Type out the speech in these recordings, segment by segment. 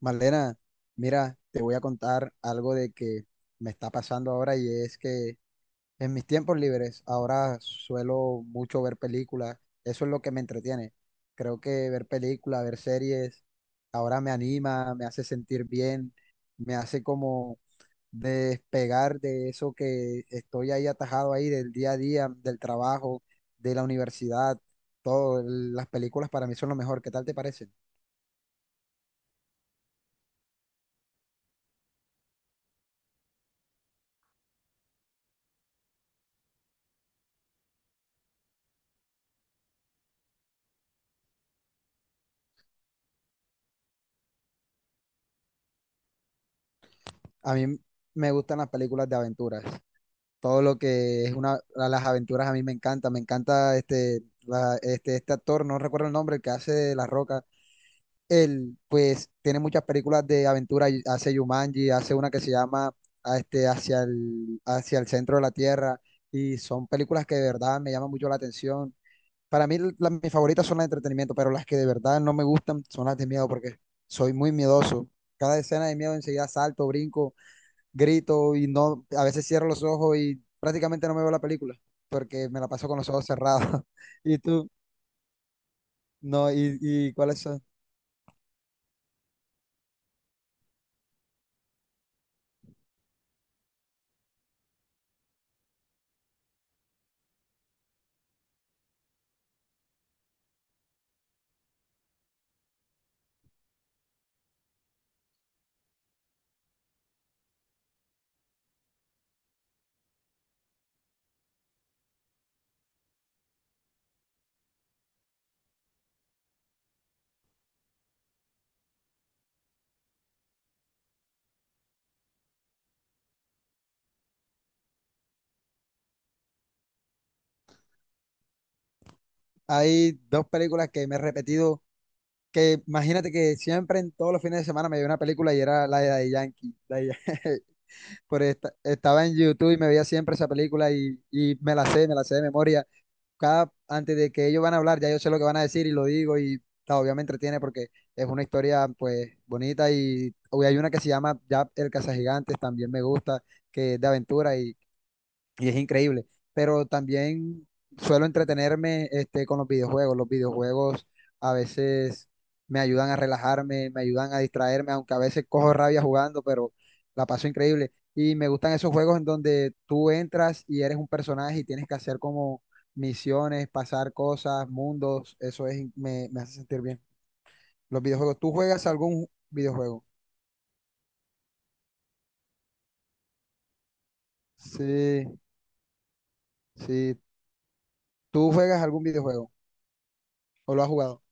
Marlena, mira, te voy a contar algo de que me está pasando ahora y es que en mis tiempos libres ahora suelo mucho ver películas, eso es lo que me entretiene. Creo que ver películas, ver series, ahora me anima, me hace sentir bien, me hace como despegar de eso que estoy ahí atajado ahí del día a día, del trabajo, de la universidad, todo. Las películas para mí son lo mejor, ¿qué tal te parecen? A mí me gustan las películas de aventuras. Todo lo que es una, las aventuras a mí me encanta este actor, no recuerdo el nombre, el que hace de La Roca. Él, pues, tiene muchas películas de aventura, y hace Jumanji, hace una que se llama a este, hacia el centro de la Tierra, y son películas que de verdad me llaman mucho la atención. Para mí, mis favoritas son las de entretenimiento, pero las que de verdad no me gustan son las de miedo, porque soy muy miedoso. Cada escena de miedo enseguida salto, brinco, grito y no, a veces cierro los ojos y prácticamente no me veo la película porque me la paso con los ojos cerrados. ¿Y tú? No, ¿y cuáles son? Hay dos películas que me he repetido, que imagínate que siempre en todos los fines de semana me veía una película y era la de Daddy Yankee. Estaba en YouTube y me veía siempre esa película y me la sé de memoria. Cada, antes de que ellos van a hablar, ya yo sé lo que van a decir y lo digo y ta, obviamente entretiene porque es una historia pues bonita y hoy hay una que se llama ya El Cazagigantes, también me gusta, que es de aventura y es increíble. Pero también suelo entretenerme este, con los videojuegos. Los videojuegos a veces me ayudan a relajarme, me ayudan a distraerme, aunque a veces cojo rabia jugando, pero la paso increíble. Y me gustan esos juegos en donde tú entras y eres un personaje y tienes que hacer como misiones, pasar cosas, mundos. Eso es, me hace sentir bien. Los videojuegos. ¿Tú juegas algún videojuego? Sí, sí. ¿Tú juegas algún videojuego o lo has jugado?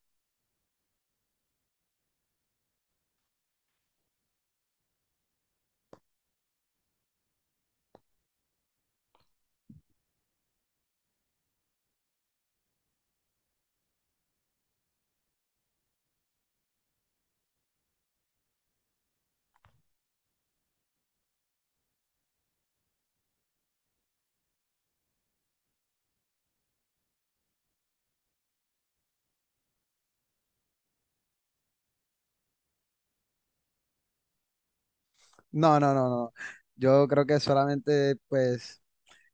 No, no, no, no. Yo creo que solamente, pues,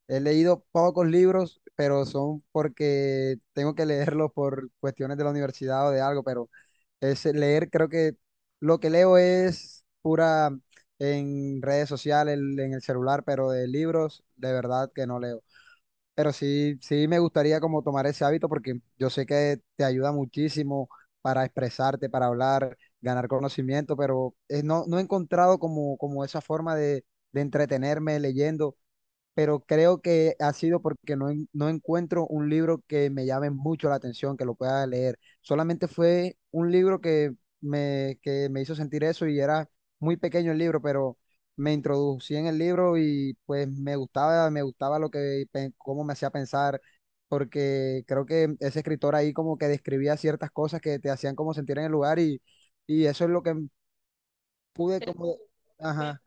he leído pocos libros, pero son porque tengo que leerlos por cuestiones de la universidad o de algo, pero es leer, creo que lo que leo es pura en redes sociales, en el celular, pero de libros, de verdad que no leo. Pero sí, sí me gustaría como tomar ese hábito porque yo sé que te ayuda muchísimo para expresarte, para hablar, ganar conocimiento, pero no, no he encontrado como esa forma de entretenerme leyendo, pero creo que ha sido porque no encuentro un libro que me llame mucho la atención, que lo pueda leer. Solamente fue un libro que me hizo sentir eso y era muy pequeño el libro, pero me introducí en el libro y pues me gustaba lo que, cómo me hacía pensar, porque creo que ese escritor ahí como que describía ciertas cosas que te hacían como sentir en el lugar y eso es lo que pude como, ajá,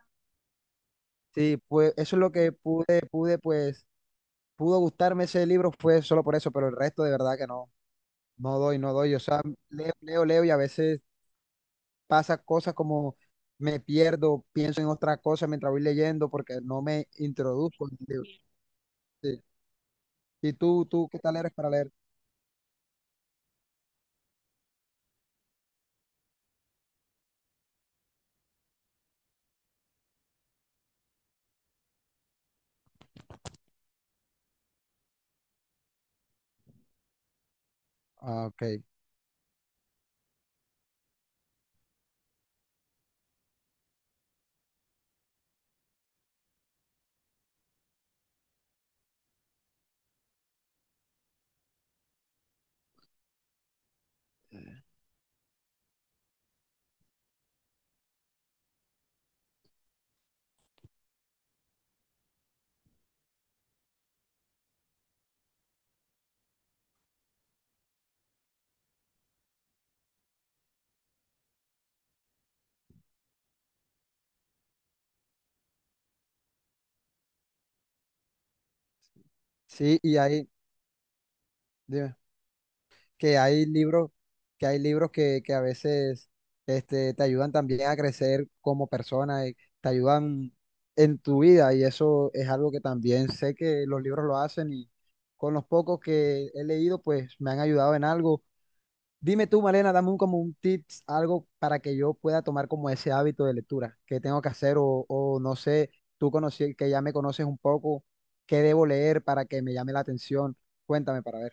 sí, pues eso es lo que pude, pude pues pudo gustarme ese libro fue solo por eso, pero el resto de verdad que no, no doy, no doy. O sea, leo, leo, leo y a veces pasa cosas como me pierdo, pienso en otra cosa mientras voy leyendo porque no me introduzco en el libro. Sí. ¿Y tú qué tal eres para leer? Ah, ok. Sí, y ahí, dime. que hay libros, que hay libros que a veces este, te ayudan también a crecer como persona, y te ayudan en tu vida y eso es algo que también sé que los libros lo hacen y con los pocos que he leído pues me han ayudado en algo. Dime tú, Malena, dame un, como un tips, algo para que yo pueda tomar como ese hábito de lectura, que tengo que hacer o no sé, tú conocí, que ya me conoces un poco, qué debo leer para que me llame la atención. Cuéntame para ver.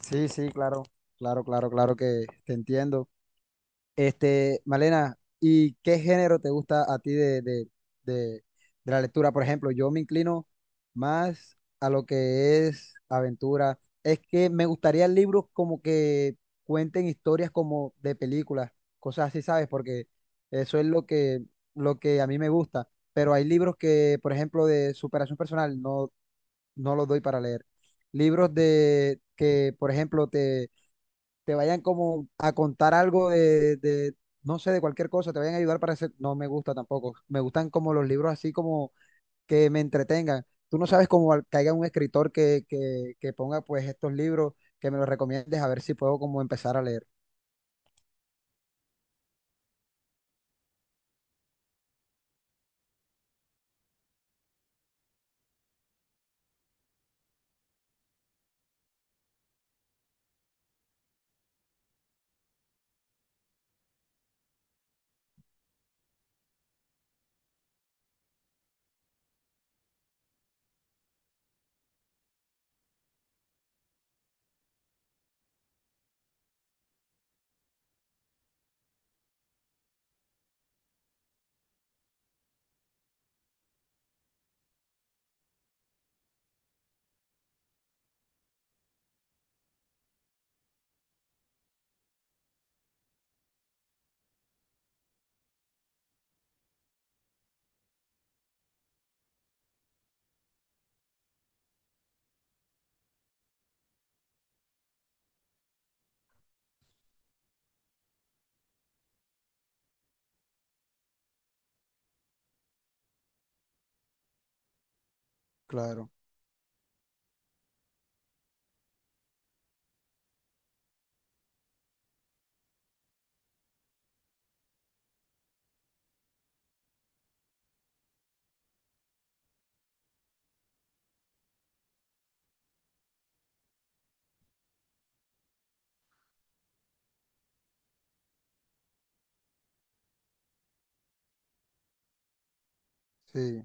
Sí, sí, claro, claro, claro, claro que te entiendo. Este, Malena, ¿y qué género te gusta a ti de, de la lectura? Por ejemplo, yo me inclino más a lo que es aventura. Es que me gustaría libros como que cuenten historias como de películas, cosas así, ¿sabes? Porque eso es lo que a mí me gusta. Pero hay libros que, por ejemplo, de superación personal, no, no los doy para leer. Libros de que, por ejemplo, te vayan como a contar algo de, no sé, de cualquier cosa, te vayan a ayudar para hacer, no me gusta tampoco. Me gustan como los libros así como que me entretengan. Tú no sabes cómo que haya un escritor que ponga pues estos libros, que me los recomiendes, a ver si puedo como empezar a leer. Claro, sí.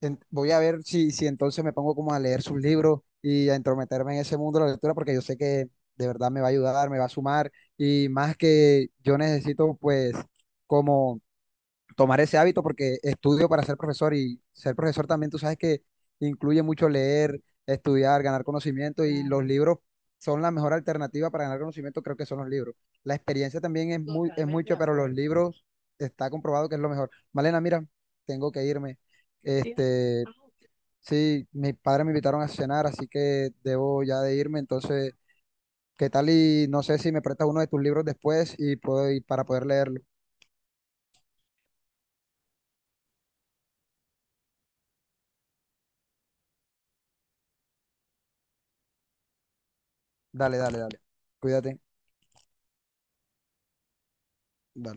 Voy a ver si, si entonces me pongo como a leer sus libros y a entrometerme en ese mundo de la lectura, porque yo sé que de verdad me va a ayudar, me va a sumar, y más que yo necesito pues como tomar ese hábito porque estudio para ser profesor y ser profesor también tú sabes que incluye mucho leer, estudiar, ganar conocimiento y los libros son la mejor alternativa para ganar conocimiento, creo que son los libros. La experiencia también es muy, es totalmente de mucho, pero los acuerdo. Libros está comprobado que es lo mejor. Malena, mira, tengo que irme. Sí, sí, mis padres me invitaron a cenar, así que debo ya de irme. Entonces, ¿qué tal? Y no sé si me prestas uno de tus libros después y puedo, y para poder leerlo. Dale, dale, dale. Cuídate. Dale.